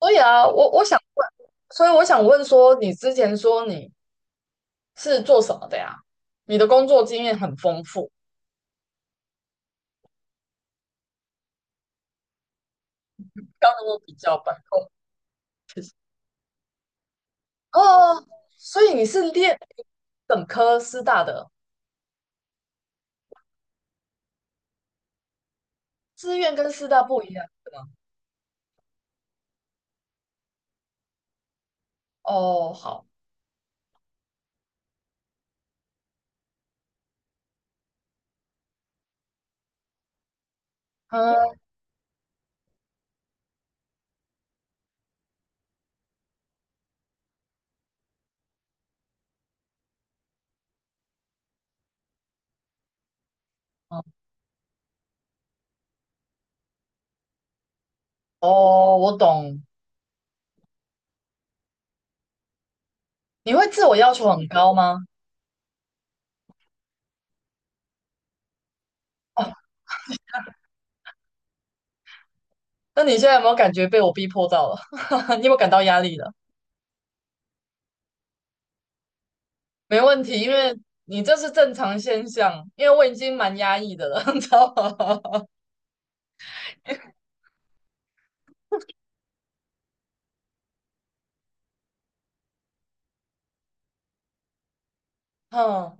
所以啊，我想问，所以我想问说，你之前说你是做什么的呀？你的工作经验很丰富，刚跟我比较把控。其实 哦，所以你是练本科师大的，志愿跟师大不一样的吗？哦，好，嗯，哦，我懂。你会自我要求很高吗？哦，那你现在有没有感觉被我逼迫到了？你有没有感到压力了？没问题，因为你这是正常现象，因为我已经蛮压抑的了，你知道吗？嗯，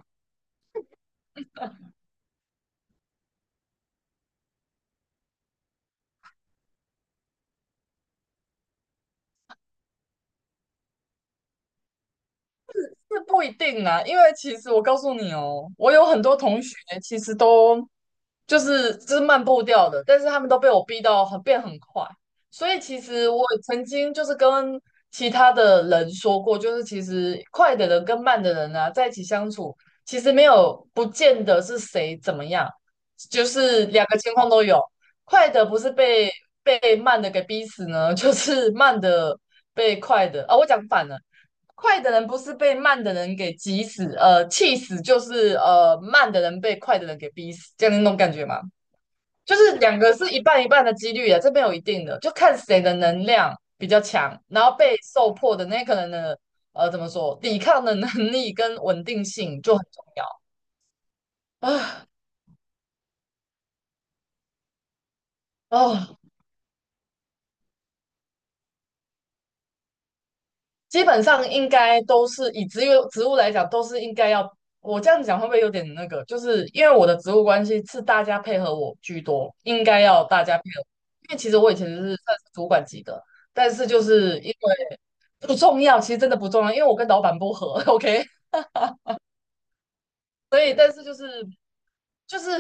是不一定啦，因为其实我告诉你哦，我有很多同学其实都就是慢步调的，但是他们都被我逼到很变很快，所以其实我曾经就是跟其他的人说过，就是其实快的人跟慢的人啊，在一起相处，其实没有不见得是谁怎么样，就是两个情况都有，快的不是被慢的给逼死呢，就是慢的被快的啊，我讲反了。快的人不是被慢的人给急死，气死，就是慢的人被快的人给逼死，这样那种感觉嘛，就是两个是一半一半的几率啊，这边有一定的，就看谁的能量比较强，然后被受迫的那个人的怎么说，抵抗的能力跟稳定性就很重要啊。哦，基本上应该都是以职物职务来讲，都是应该要。我这样讲会不会有点那个？就是因为我的职务关系是大家配合我居多，应该要大家配合。因为其实我以前是算是主管级的，但是就是因为不重要，其实真的不重要，因为我跟老板不合。OK，就是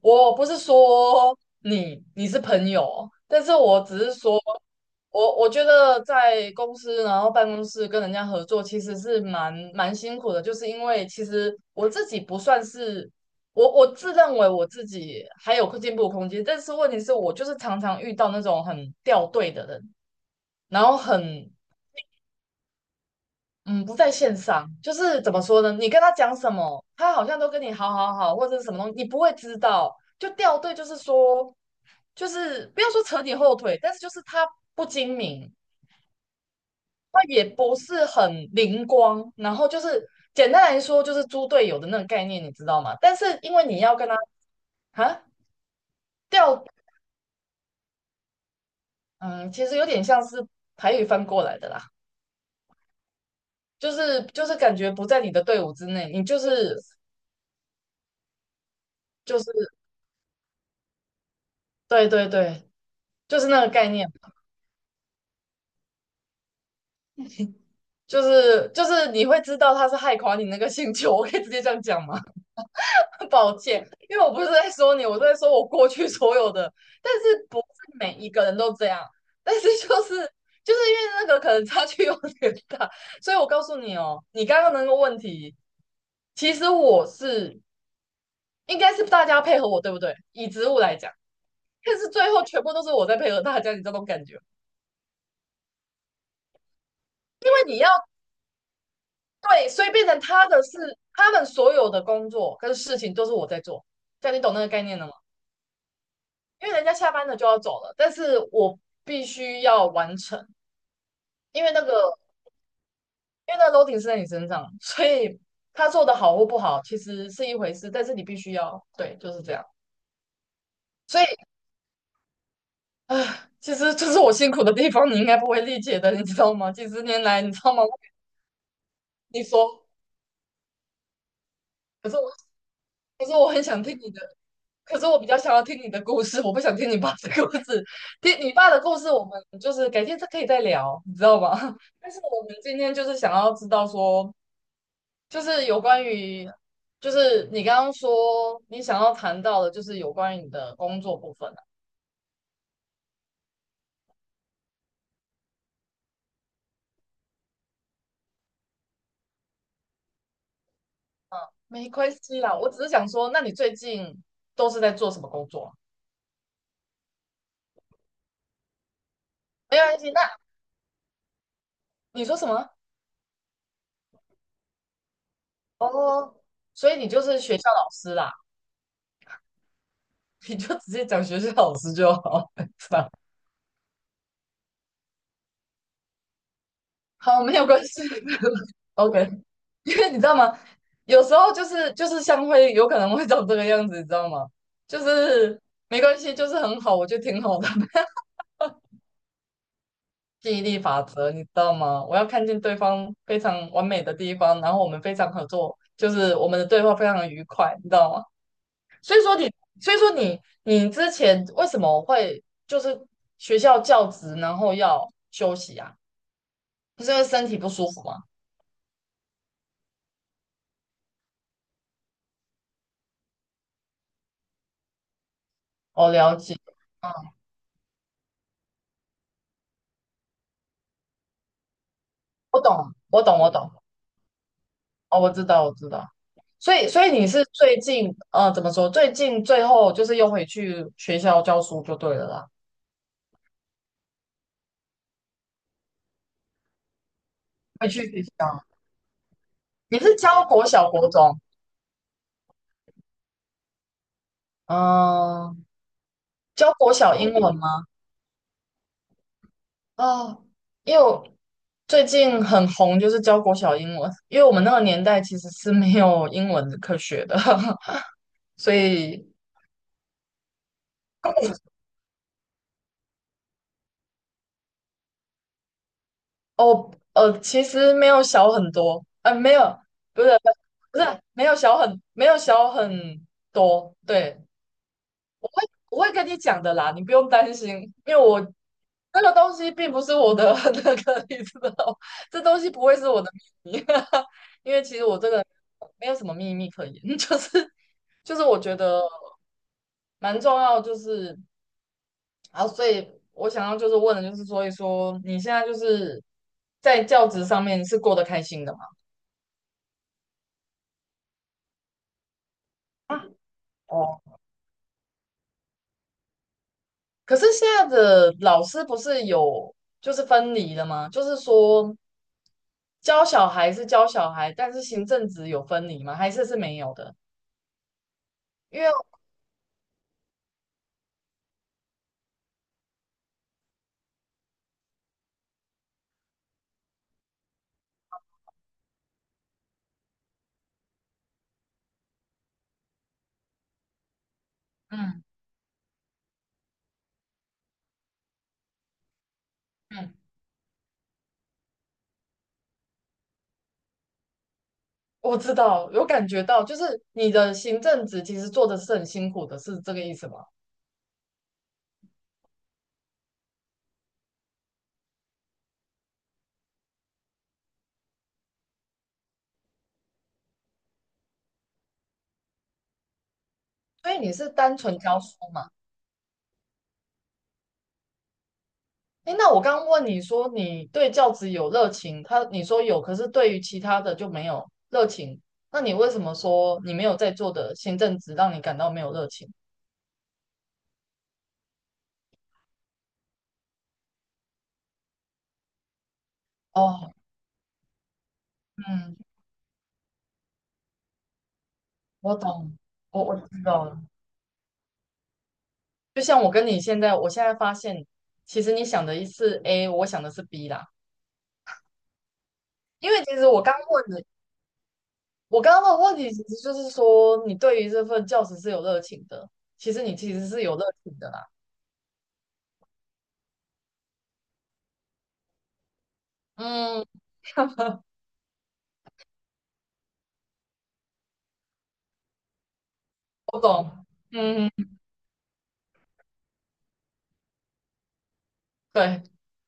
我不是说你你是朋友，但是我只是说。我觉得在公司，然后办公室跟人家合作，其实是蛮辛苦的，就是因为其实我自己不算是我自认为我自己还有进步空间，但是问题是我就是常常遇到那种很掉队的人，然后很嗯不在线上，就是怎么说呢？你跟他讲什么，他好像都跟你好好好或者是什么东西，你不会知道，就掉队，就是说就是不要说扯你后腿，但是就是他不精明，它也不是很灵光，然后就是简单来说就是猪队友的那个概念，你知道吗？但是因为你要跟他啊调，嗯，其实有点像是台语翻过来的啦，就是感觉不在你的队伍之内，你就是就是对对对，就是那个概念，就是你会知道他是害垮你那个星球，我可以直接这样讲吗？抱歉，因为我不是在说你，我在说我过去所有的，但是不是每一个人都这样，但是就是就是因为那个可能差距有点大，所以我告诉你哦，你刚刚那个问题，其实我是应该是大家配合我，对不对？以植物来讲，但是最后全部都是我在配合大家，你这种感觉，你要对，所以变成他的是他们所有的工作跟事情都是我在做，这样你懂那个概念了吗？因为人家下班了就要走了，但是我必须要完成，因为那个因为那个 loading 是在你身上，所以他做的好或不好其实是一回事，但是你必须要对，就是这样。所以，唉，其实这是我辛苦的地方，你应该不会理解的，你知道吗？几十年来，你知道吗？你说，可是我，可是我很想听你的，可是我比较想要听你的故事，我不想听你爸的故事。听你爸的故事，我们就是改天再可以再聊，你知道吗？但是我们今天就是想要知道说，就是有关于，就是你刚刚说你想要谈到的，就是有关于你的工作部分啊，没关系啦，我只是想说，那你最近都是在做什么工作啊？没关系，那你说什么？哦，所以你就是学校老师啦，你就直接讲学校老师就好，是吧？好，没有关系 ，OK，因为你知道吗？有时候就是像会有可能会长这个样子，你知道吗？就是没关系，就是很好，我觉得挺好的。记忆力法则，你知道吗？我要看见对方非常完美的地方，然后我们非常合作，就是我们的对话非常的愉快，你知道吗？所以说你，所以说你，你之前为什么会就是学校教职，然后要休息啊？不是因为身体不舒服吗？我了解，嗯，我懂，我懂，我懂，哦，我知道，我知道。所以，所以你是最近，怎么说？最近最后就是又回去学校教书就对了啦，回去学校。你是教国小、国中？嗯，教国小英文吗？哦，因为我最近很红，就是教国小英文，因为我们那个年代其实是没有英文的科学的，所以哦，其实没有小很多，没有，不是不是没有小很多，对，我会跟你讲的啦，你不用担心，因为我这个东西并不是我的 那个，你知道，这东西不会是我的秘密，因为其实我这个没有什么秘密可言，就是就是我觉得蛮重要，就是啊，所以我想要就是问的就是，所以说你现在就是在教职上面是过得开心的吗？啊，哦，可是现在的老师不是有就是分离的吗？就是说教小孩是教小孩，但是行政职有分离吗？还是是没有的？因为嗯嗯，我知道，有感觉到，就是你的行政职其实做的是很辛苦的，是这个意思吗？所以你是单纯教书嘛？诶，那我刚刚问你说你对教职有热情，他你说有，可是对于其他的就没有热情，那你为什么说你没有在做的行政职让你感到没有热情？哦，嗯，我懂，我知道了。就像我跟你现在，我现在发现，其实你想的是 A，我想的是 B 啦。因为其实我刚问的，我刚刚问的问题，其实就是说，你对于这份教职是有热情的。其实你其实是有热情的啦。嗯，我懂。嗯，对，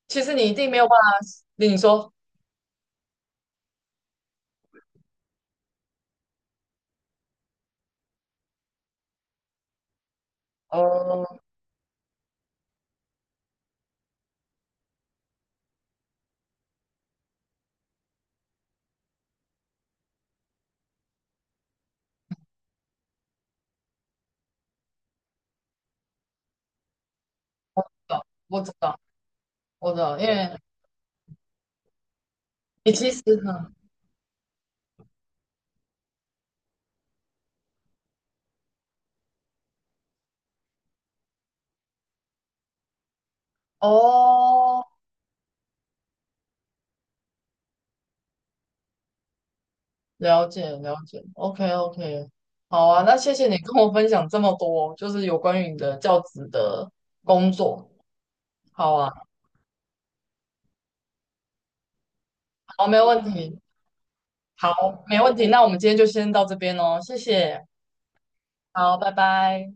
其实你一定没有办法。你说，哦，我懂，我知道，我懂，因为你其实很，嗯哦。了解了解，OK OK，好啊，那谢谢你跟我分享这么多，就是有关于你的教职的工作。好啊，好，没有问题，好，没问题，那我们今天就先到这边哦，谢谢，好，拜拜。